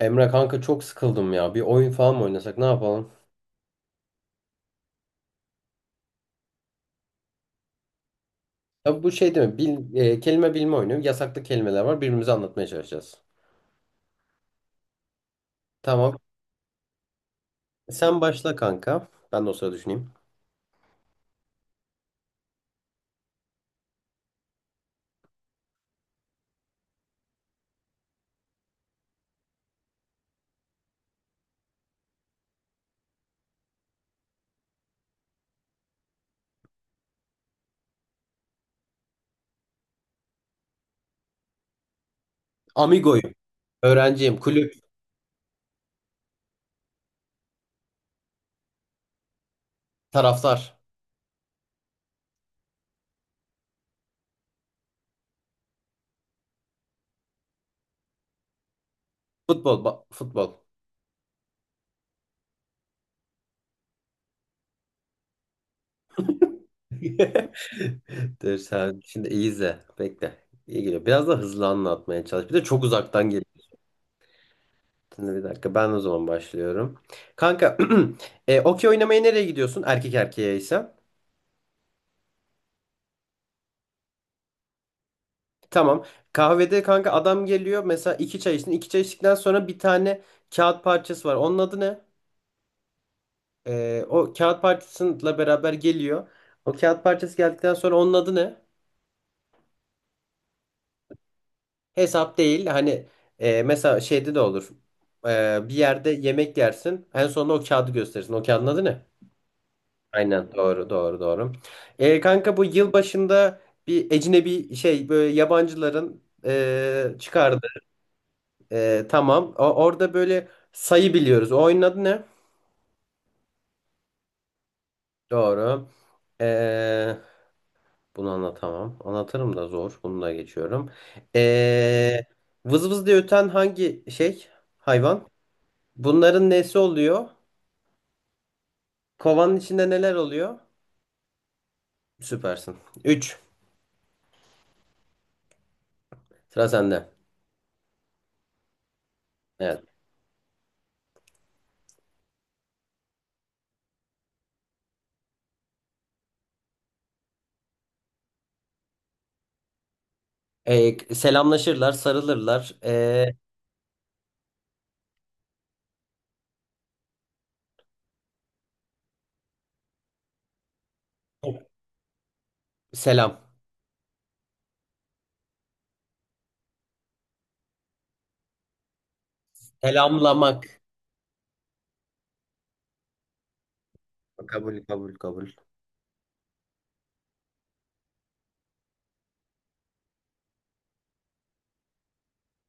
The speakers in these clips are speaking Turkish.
Emre kanka çok sıkıldım ya. Bir oyun falan mı oynasak ne yapalım? Ya bu şey değil mi? Kelime bilme oyunu. Yasaklı kelimeler var. Birbirimize anlatmaya çalışacağız. Tamam. Sen başla kanka. Ben de o sırada düşüneyim. Amigoyum. Öğrenciyim. Kulüp. Taraftar. Futbol. Dur sen şimdi iyi izle. Bekle. İyi geliyor. Biraz da hızlı anlatmaya çalış. Bir de çok uzaktan geliyor. Şimdi bir dakika ben o zaman başlıyorum. Kanka okey oynamaya nereye gidiyorsun? Erkek erkeğe ise. Tamam. Kahvede kanka adam geliyor. Mesela iki çay içtin. İki çay içtikten sonra bir tane kağıt parçası var. Onun adı ne? O kağıt parçasıyla beraber geliyor. O kağıt parçası geldikten sonra onun adı ne? Hesap değil. Hani mesela şeyde de olur. Bir yerde yemek yersin. En sonunda o kağıdı gösterirsin. O kağıdın adı ne? Aynen. Doğru, doğru, doğru. Kanka bu yıl başında bir ecnebi şey, böyle yabancıların çıkardığı. Tamam. Orada böyle sayı biliyoruz. O oyunun adı ne? Doğru. Ee, Bunu anlatamam. Anlatırım da zor. Bunu da geçiyorum. Ee, Vız vız diye öten hangi şey? Hayvan. Bunların nesi oluyor? Kovanın içinde neler oluyor? Süpersin. Üç. Sıra sende. Evet. Selamlaşırlar, sarılırlar. Selam. Selamlamak. Kabul, kabul, kabul.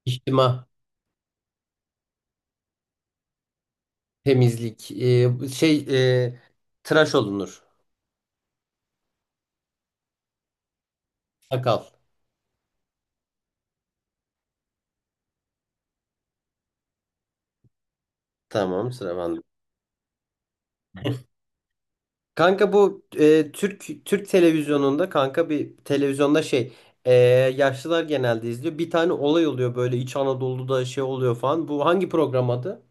İçtima. Temizlik. E, Tıraş olunur. Sakal. Tamam, sıra bende. Kanka bu Türk televizyonunda, kanka bir televizyonda şey, e, yaşlılar genelde izliyor. Bir tane olay oluyor, böyle İç Anadolu'da şey oluyor falan. Bu hangi program adı?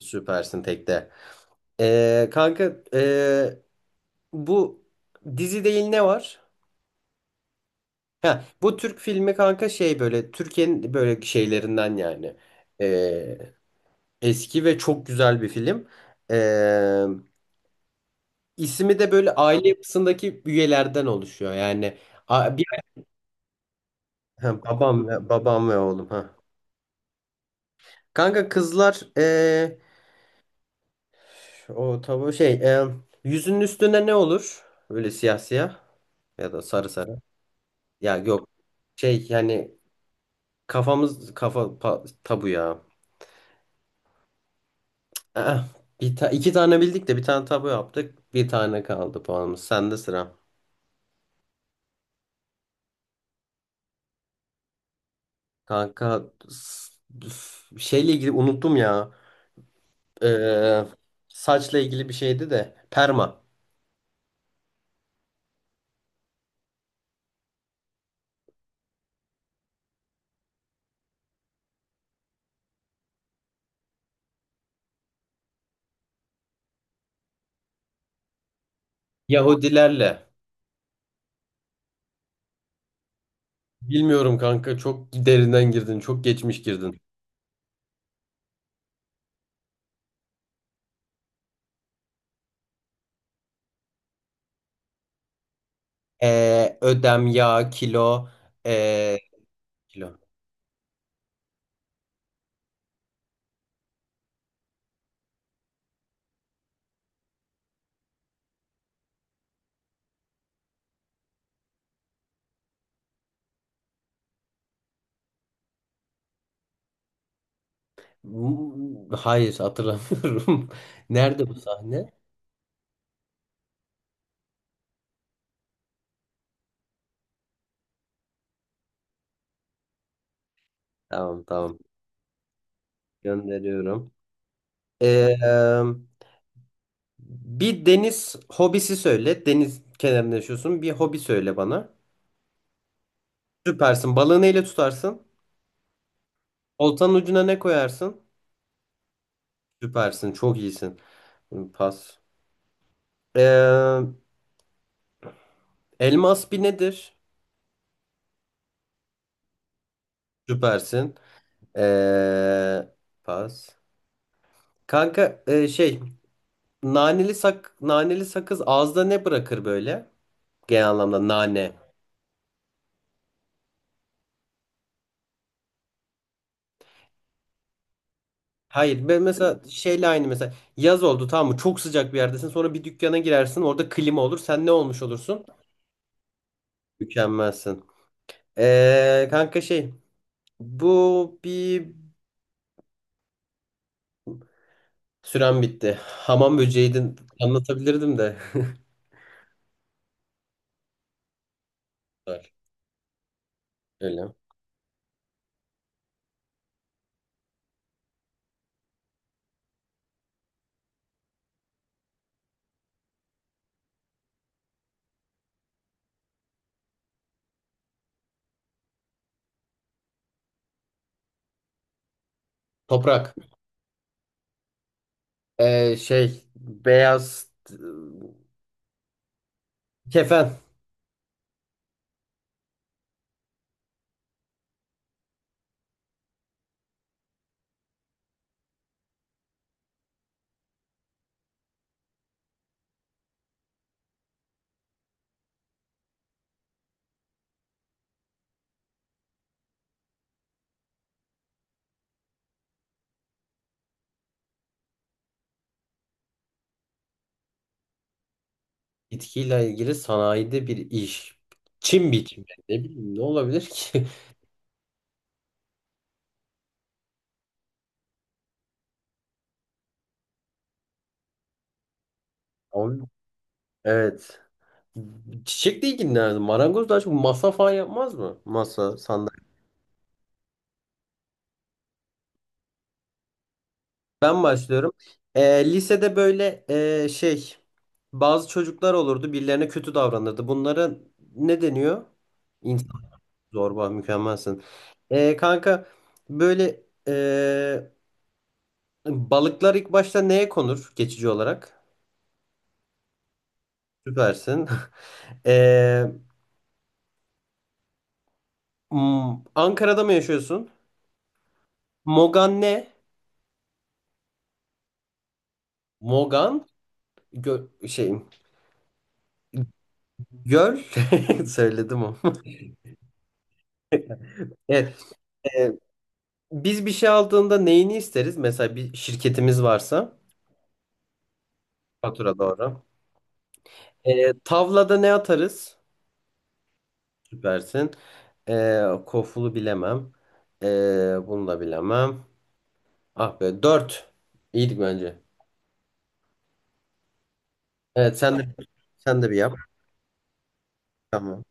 Süpersin tekte. E, kanka, e, bu dizi değil, ne var? Ha, bu Türk filmi kanka, şey böyle Türkiye'nin böyle şeylerinden yani. Eski ve çok güzel bir film. Ee, ismi de böyle aile yapısındaki üyelerden oluşuyor. Yani bir ha, babam ve oğlum ha. Kanka kızlar o tabu şey, yüzünün üstüne ne olur? Böyle siyah siyah ya da sarı sarı. Ya yok. Şey yani tabu ya. Ah, iki tane bildik de bir tane tabu yaptık. Bir tane kaldı puanımız. Sende sıra. Kanka s- şeyle ilgili unuttum ya. Ee, Saçla ilgili bir şeydi de. Perma. Yahudilerle. Bilmiyorum kanka, çok derinden girdin. Çok geçmiş girdin. Ödem, yağ, kilo. ee, Kilo. M- Hayır hatırlamıyorum. Nerede bu sahne? Tamam, tamam. Gönderiyorum. Ee, Bir deniz hobisi söyle. Deniz kenarında yaşıyorsun. Bir hobi söyle bana. Süpersin. Balığı neyle tutarsın? Oltanın ucuna ne koyarsın? Süpersin, çok iyisin. Pas. Ee, Elmas bir nedir? Süpersin. Ee, Pas. Kanka, naneli sakız ağızda ne bırakır böyle? Genel anlamda nane. Hayır ben mesela şeyle aynı, mesela yaz oldu tamam mı? Çok sıcak bir yerdesin, sonra bir dükkana girersin, orada klima olur, sen ne olmuş olursun? Mükemmelsin. Kanka şey, bu bir, sürem bitti. Hamam böceğiydi, anlatabilirdim de. Öyle. Toprak. Beyaz kefen. Bitkiyle ilgili sanayide bir iş. Çim biçimi. Ne bileyim, ne olabilir ki? Ama evet. Çiçekle ilgilenirdim. Marangoz daha çok masa falan yapmaz mı? Masa, sandalye. Ben başlıyorum. Lisede böyle e, şey bazı çocuklar olurdu. Birilerine kötü davranırdı. Bunlara ne deniyor? Zorba, mükemmelsin. Kanka böyle balıklar ilk başta neye konur geçici olarak? Süpersin. Ee, Ankara'da mı yaşıyorsun? Mogan ne? Mogan gö- şey göl. Söyledim o. Evet. ee, Biz bir şey aldığında neyini isteriz? Mesela bir şirketimiz varsa, fatura doğru. Tavlada ne atarız? Süpersin. Kofulu bilemem. Bunu da bilemem. Ah be, dört. İyiydik bence. Evet, sen de. Tamam, sen de bir yap. Tamam.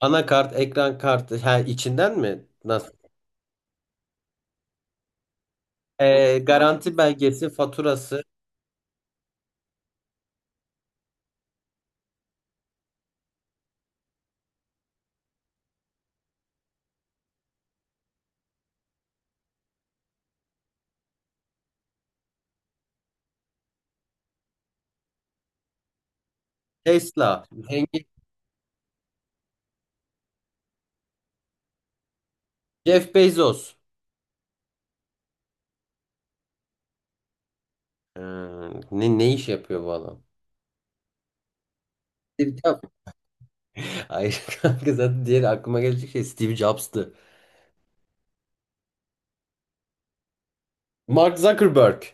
Anakart, ekran kartı. Ha, içinden mi? Nasıl? Garanti belgesi, faturası, Tesla, zengin. Jeff Bezos. Ee, Ne ne iş yapıyor bu adam? Steve Jobs. Hayır kanka, zaten diğer aklıma gelecek şey Steve Jobs'tı. Mark Zuckerberg.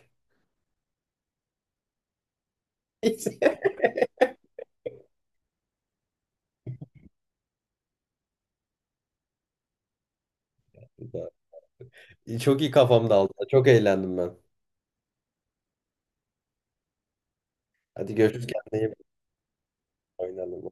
Çok iyi kafamda aldı. Çok eğlendim ben. Hadi görüşürüz, kendine iyi bak. Oynayalım.